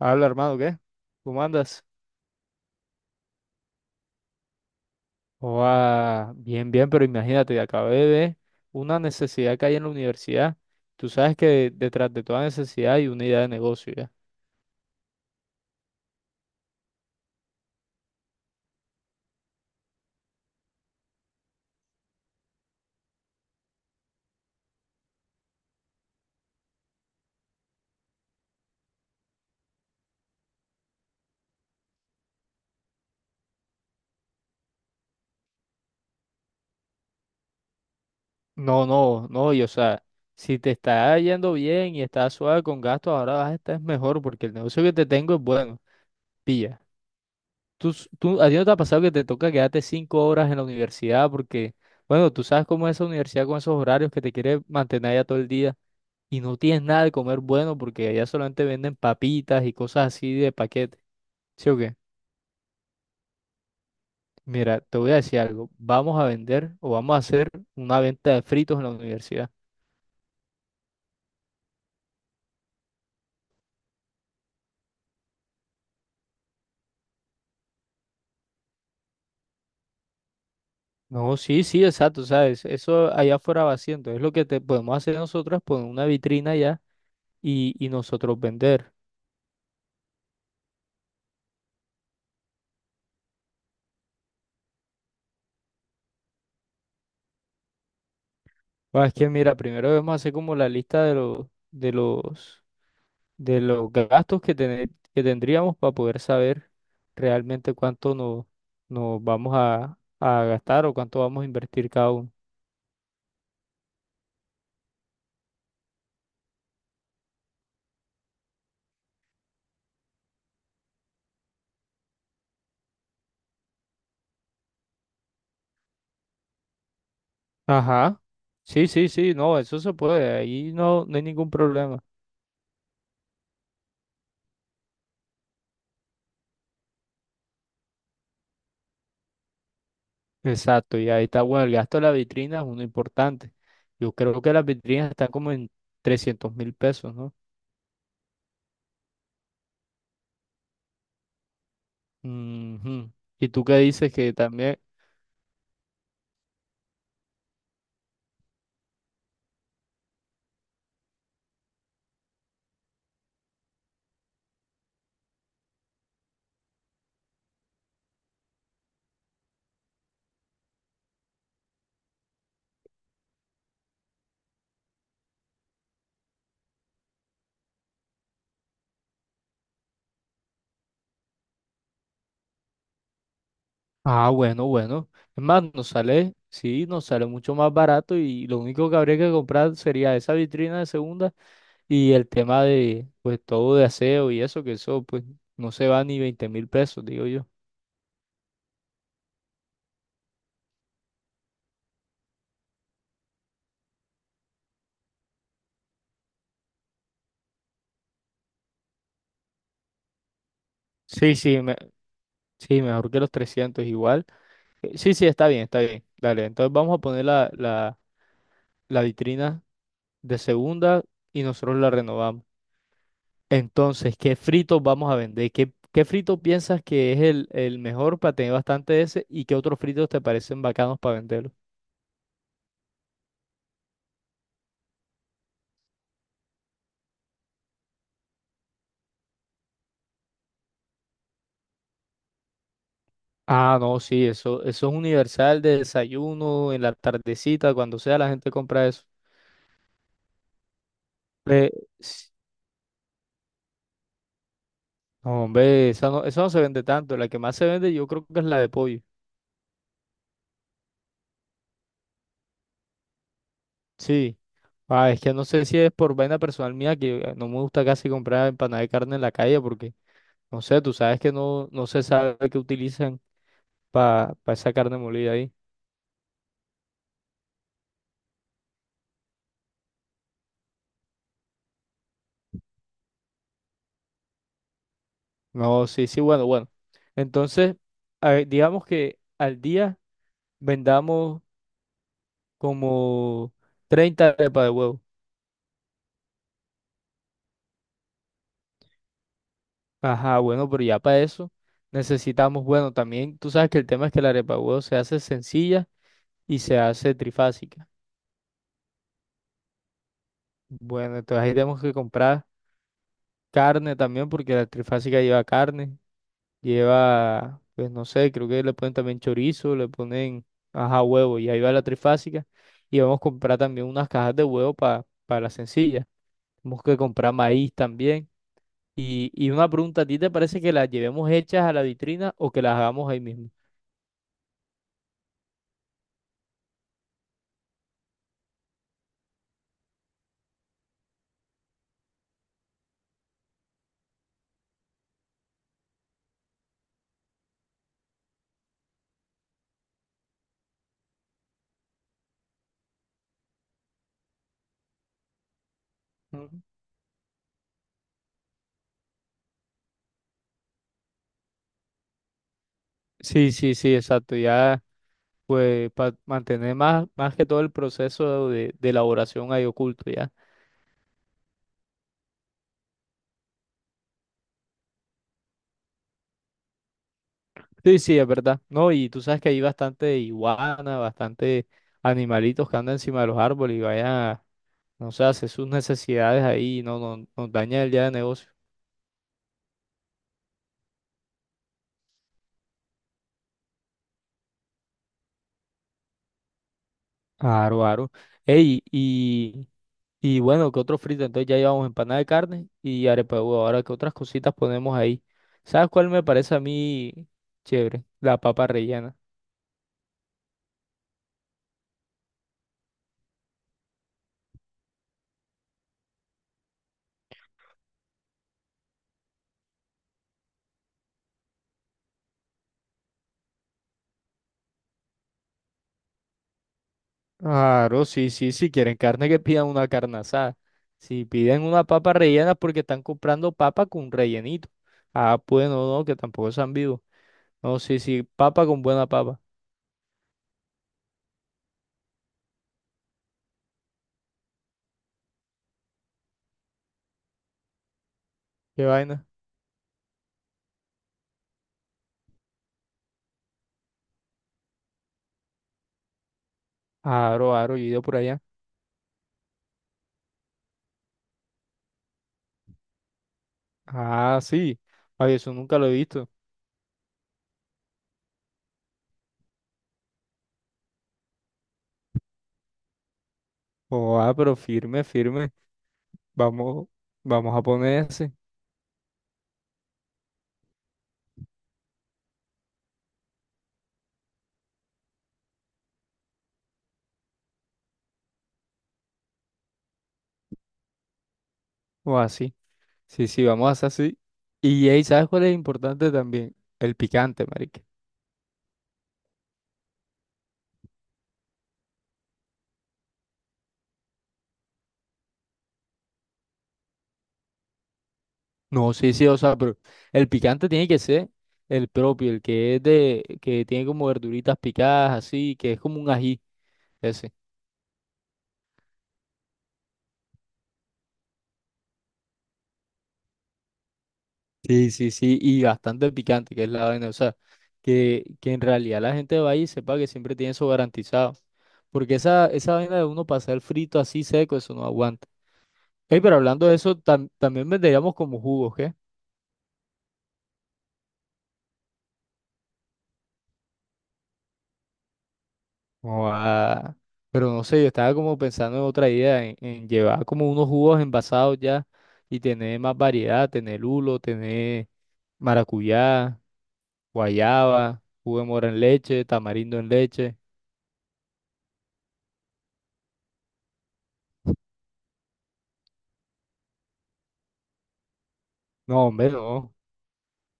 Habla, hermano, ¿qué? ¿Cómo andas? Oa, bien, bien, pero imagínate, acabé de ver una necesidad que hay en la universidad. Tú sabes que detrás de toda necesidad hay una idea de negocio, ¿ya? No, no, no, y o sea, si te está yendo bien y estás suave con gastos, ahora vas a estar mejor porque el negocio que te tengo es bueno. Pilla. Tú, ¿a ti no te ha pasado que te toca quedarte 5 horas en la universidad porque, bueno, tú sabes cómo es esa universidad con esos horarios que te quiere mantener ya todo el día? Y no tienes nada de comer bueno porque allá solamente venden papitas y cosas así de paquete. ¿Sí o qué? Mira, te voy a decir algo. Vamos a vender o vamos a hacer una venta de fritos en la universidad. No, sí, sí, exacto, ¿sabes? Eso allá afuera va haciendo. Es lo que te podemos hacer nosotros, poner una vitrina allá y nosotros vender. Ah, es que mira, primero debemos hacer como la lista de los, de los gastos que tendríamos para poder saber realmente cuánto nos vamos a gastar o cuánto vamos a invertir cada uno. Ajá. Sí, sí, sí, no, eso se puede, ahí no hay ningún problema. Exacto, y ahí está, bueno, el gasto de la vitrina es uno importante. Yo creo que las vitrinas están como en 300.000 pesos, ¿no? Ujú. ¿Y tú qué dices que también? Ah, bueno, bueno. Es más, nos sale, sí, nos sale mucho más barato y lo único que habría que comprar sería esa vitrina de segunda y el tema de, pues, todo de aseo y eso, que eso, pues, no se va ni 20.000 pesos, digo yo. Sí, sí, sí, mejor que los 300 igual. Sí, sí, está bien, está bien. Dale, entonces vamos a poner la vitrina de segunda y nosotros la renovamos. Entonces, ¿qué fritos vamos a vender? Qué frito piensas que es el mejor para tener bastante de ese? ¿Y qué otros fritos te parecen bacanos para venderlos? Ah, no, sí, eso es universal de desayuno, en la tardecita, cuando sea la gente compra eso. Eh, s- no, hombre, esa no, eso no se vende tanto. La que más se vende yo creo que es la de pollo. Sí. Ah, es que no sé si es por vaina personal mía que no me gusta casi comprar empanada de carne en la calle porque, no sé, tú sabes que no se sabe qué utilizan para esa carne molida ahí. No, sí, sí, bueno, bueno. Entonces, a ver, digamos que al día vendamos como 30 arepas de huevo. Ajá, bueno, pero ya para eso necesitamos, bueno, también tú sabes que el tema es que la arepa de huevo se hace sencilla y se hace trifásica. Bueno, entonces ahí tenemos que comprar carne también porque la trifásica lleva carne. Lleva, pues no sé, creo que le ponen también chorizo, le ponen, ajá, huevo. Y ahí va la trifásica. Y vamos a comprar también unas cajas de huevo para la sencilla. Tenemos que comprar maíz también. Y una pregunta, ¿a ti te parece que las llevemos hechas a la vitrina o que las hagamos ahí mismo? Ujú. Sí, sí, sí, exacto. Ya, pues, para mantener más, más que todo el proceso de elaboración ahí oculto, ya. Sí, sí, es verdad. No, y tú sabes que hay bastante iguana, bastante animalitos que andan encima de los árboles y vayan a, no sé, a hacer sus necesidades ahí y no, nos daña el día de negocio. Aro, aro. Ey, y bueno, ¿qué otro frito? Entonces ya llevamos empanada de carne y arepa de huevo. Ahora, ¿qué otras cositas ponemos ahí? ¿Sabes cuál me parece a mí chévere? La papa rellena. Claro, sí, sí, si quieren carne que pidan una carne asada. Si piden una papa rellena es porque están comprando papa con rellenito. Ah, bueno, no, no, que tampoco sean vivos. No, sí, sí, papa con buena papa. ¿Qué vaina? Aro, aro, yo he ido por allá. Ah, sí. Ay, eso nunca lo he visto. Oh, ah, pero firme, firme. Vamos, vamos a poner ese. O así. Sí, sí, vamos a hacer así. Y ahí, ¿sabes cuál es importante también? El picante, marica. No, sí, sí, o sea, pero el picante tiene que ser el propio, el que es de, que tiene como verduritas picadas, así, que es como un ají, ese. Sí, sí, sí, y bastante picante, que es la vaina, o sea, que en realidad la gente va ahí y sepa que siempre tiene eso garantizado, porque esa vaina de uno pasar el frito así seco, eso no aguanta. Ey, pero hablando de eso, también venderíamos como jugos, ¿qué? Joda. Pero no sé, yo estaba como pensando en otra idea, en llevar como unos jugos envasados ya y tener más variedad, tener lulo, tener maracuyá, guayaba, jugo de mora en leche, tamarindo en leche. No, hombre, no,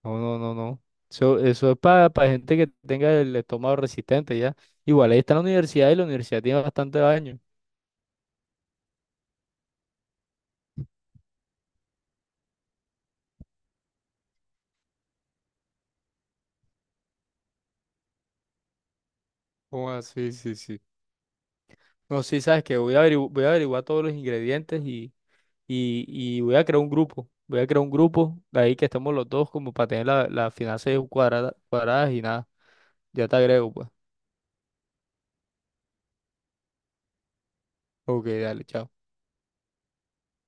no, no, no, no. Eso es para gente que tenga el estómago resistente ya. Igual ahí está la universidad y la universidad tiene bastante daño. Joda, sí, sí, sí. No, sí, sabes que voy a voy a averiguar todos los ingredientes y... y voy a crear un grupo. Voy a crear un grupo de ahí que estemos los dos como para tener las finanzas cuadradas y nada. Ya te agrego, pues. Ok, dale, chao.